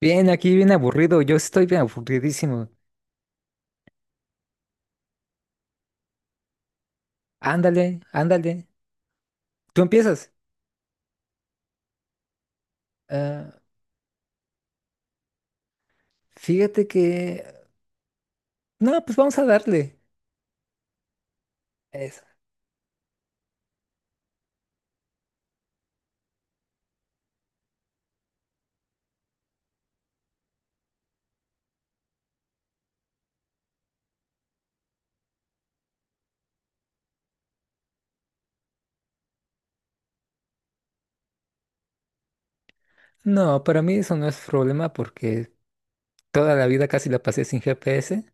Bien, aquí bien aburrido, yo estoy bien aburridísimo. Ándale, ándale. Tú empiezas. Ah, Fíjate que... No, pues vamos a darle. Eso. No, para mí eso no es problema porque toda la vida casi la pasé sin GPS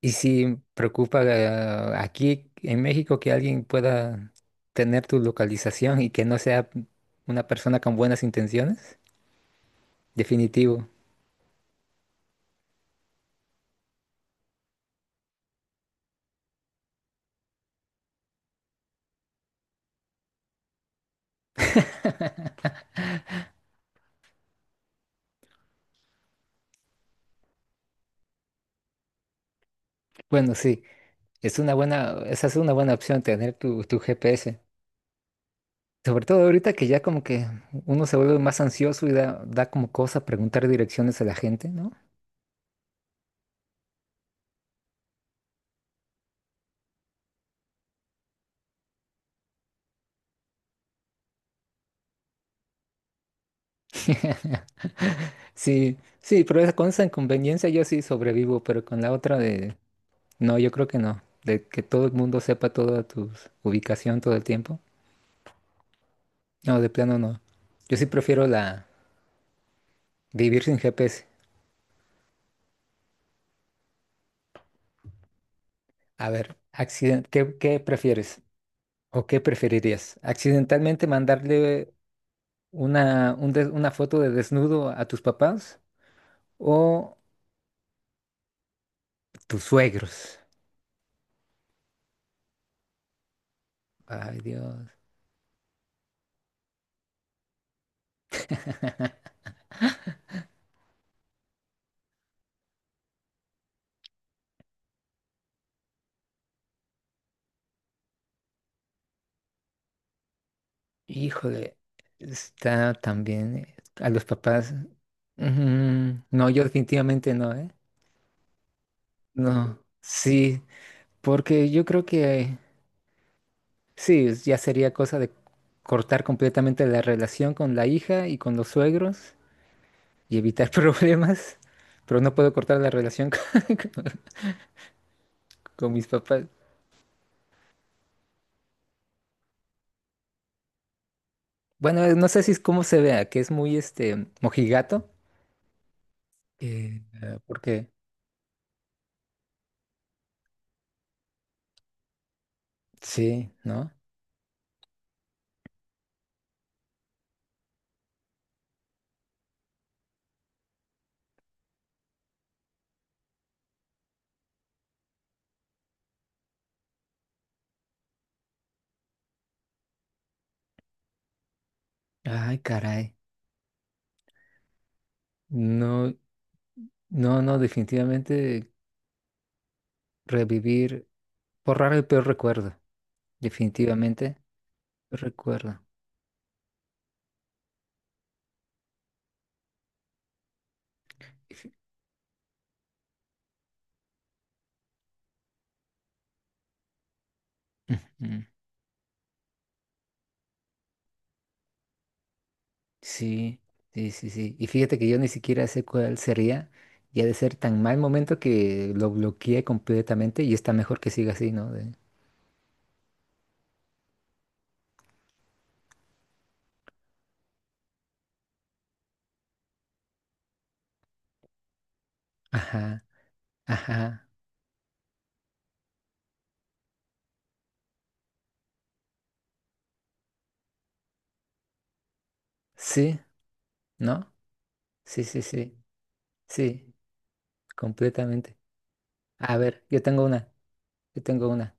y sí preocupa aquí en México que alguien pueda tener tu localización y que no sea una persona con buenas intenciones. Definitivo. Bueno, sí, es una buena, esa es una buena opción tener tu GPS. Sobre todo ahorita que ya como que uno se vuelve más ansioso y da como cosa preguntar direcciones a la gente, ¿no? Sí, sí, pero esa, con esa inconveniencia yo sí sobrevivo, pero con la otra de... No, yo creo que no. De que todo el mundo sepa toda tu ubicación todo el tiempo. No, de plano no. Yo sí prefiero la vivir sin GPS. A ver, accident ¿qué, qué prefieres? ¿O qué preferirías? ¿Accidentalmente mandarle una, un des- una foto de desnudo a tus papás? ¿O tus suegros? Ay, Dios. Híjole. Está también a los papás. No, yo definitivamente no, ¿eh? No. Sí, porque yo creo que sí, es- ya sería cosa de cortar completamente la relación con la hija y con los suegros y evitar problemas. Pero no puedo cortar la relación con, con- con mis papás. Bueno, no sé si es cómo se vea, que es muy este mojigato. Porque sí, ¿no? Ay, caray. No, no, no, definitivamente revivir, borrar el peor recuerdo. Definitivamente, recuerdo. Y fí- mm, sí, sí, sí, sí. Y fíjate que yo ni siquiera sé cuál sería. Y ha de ser tan mal momento que lo bloqueé completamente y está mejor que siga así, ¿no? De- ajá, ajá. Sí, ¿no? Sí, sí, sí, sí, completamente. A ver, yo tengo una.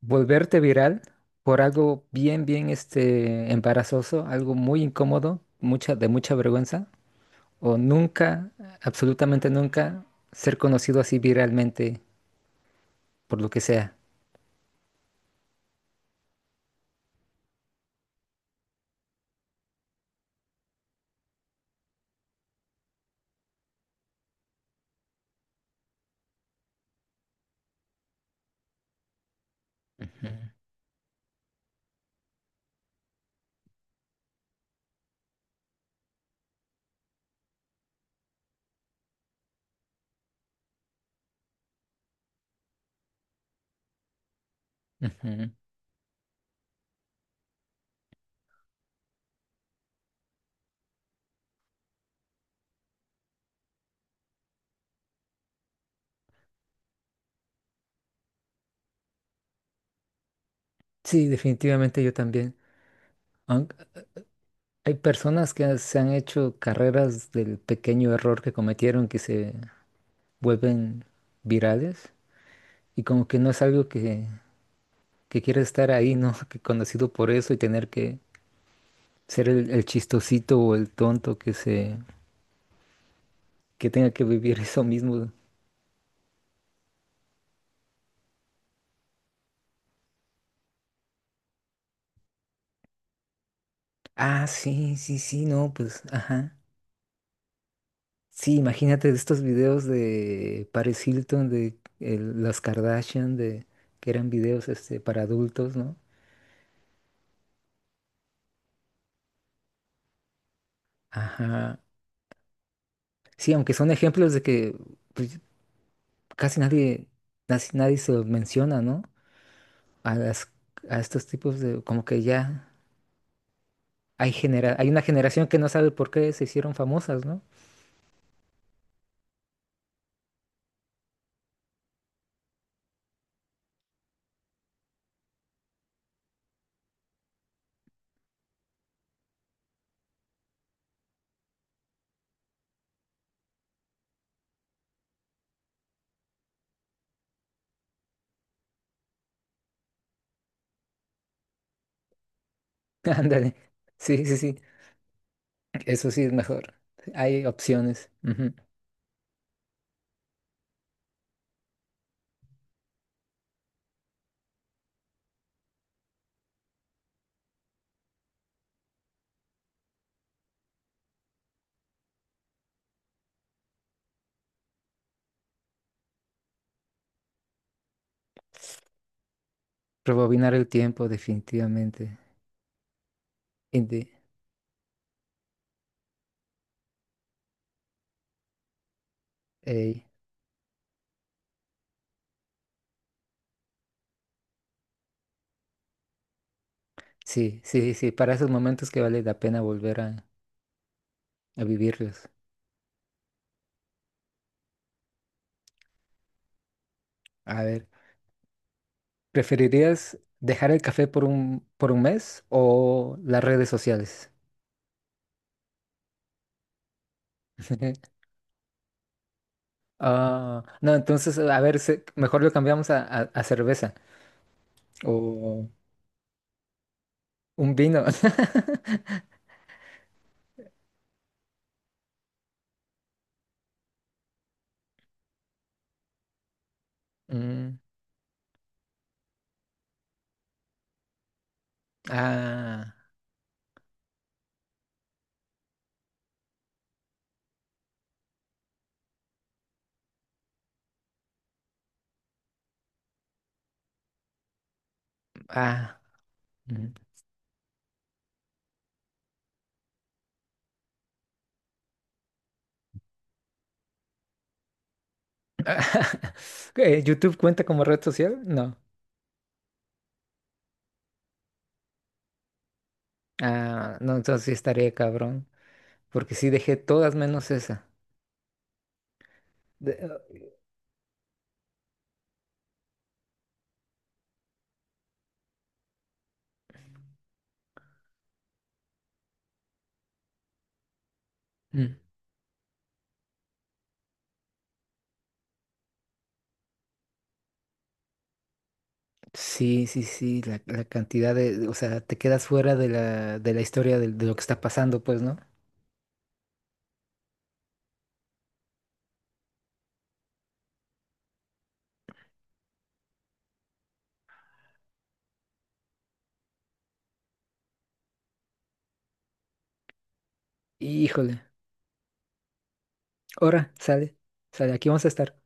Volverte viral por algo bien, bien este embarazoso, algo muy incómodo, mucha, de mucha vergüenza, o nunca, absolutamente nunca, ser conocido así viralmente por lo que sea. Ujú, ujú. Sí, definitivamente yo también. Aun- hay personas que se han hecho carreras del pequeño error que cometieron que se vuelven virales y como que no es algo que quieres estar ahí, ¿no? Que conocido por eso y tener que ser el chistosito o el tonto que se, que tenga que vivir eso mismo. Sí, sí, sí, no, pues, ajá. Sí, imagínate estos videos de Paris Hilton, de el- las Kardashian, de que eran videos este, para adultos, ¿no? Ajá. Sí, aunque son ejemplos de que pues, casi nadie, casi nadie se los menciona, ¿no? A las, a estos tipos de, como que ya hay genera, hay una generación que no sabe por qué se hicieron famosas, ¿no? Ándale. Sí, sí, sí. Eso sí es mejor. Hay opciones. Ujú. Rebobinar el tiempo, definitivamente. Indi- ey, sí, sí, sí. Para esos momentos que vale la pena volver a vivirlos. A ver, ¿preferirías dejar el café por un mes o las redes sociales? No, entonces, a ver, se- mejor lo cambiamos a cerveza o un vino. Mm, ah, ah. ¿YouTube cuenta como red social? No. Ah, no, entonces sí estaría cabrón. Porque sí dejé todas menos esa. De- ah, mm. Sí, sí, sí. La cantidad de. O sea, te quedas fuera de la historia de lo que está pasando, pues, ¿no? Híjole. Ahora, sale. Sale, aquí vamos a estar.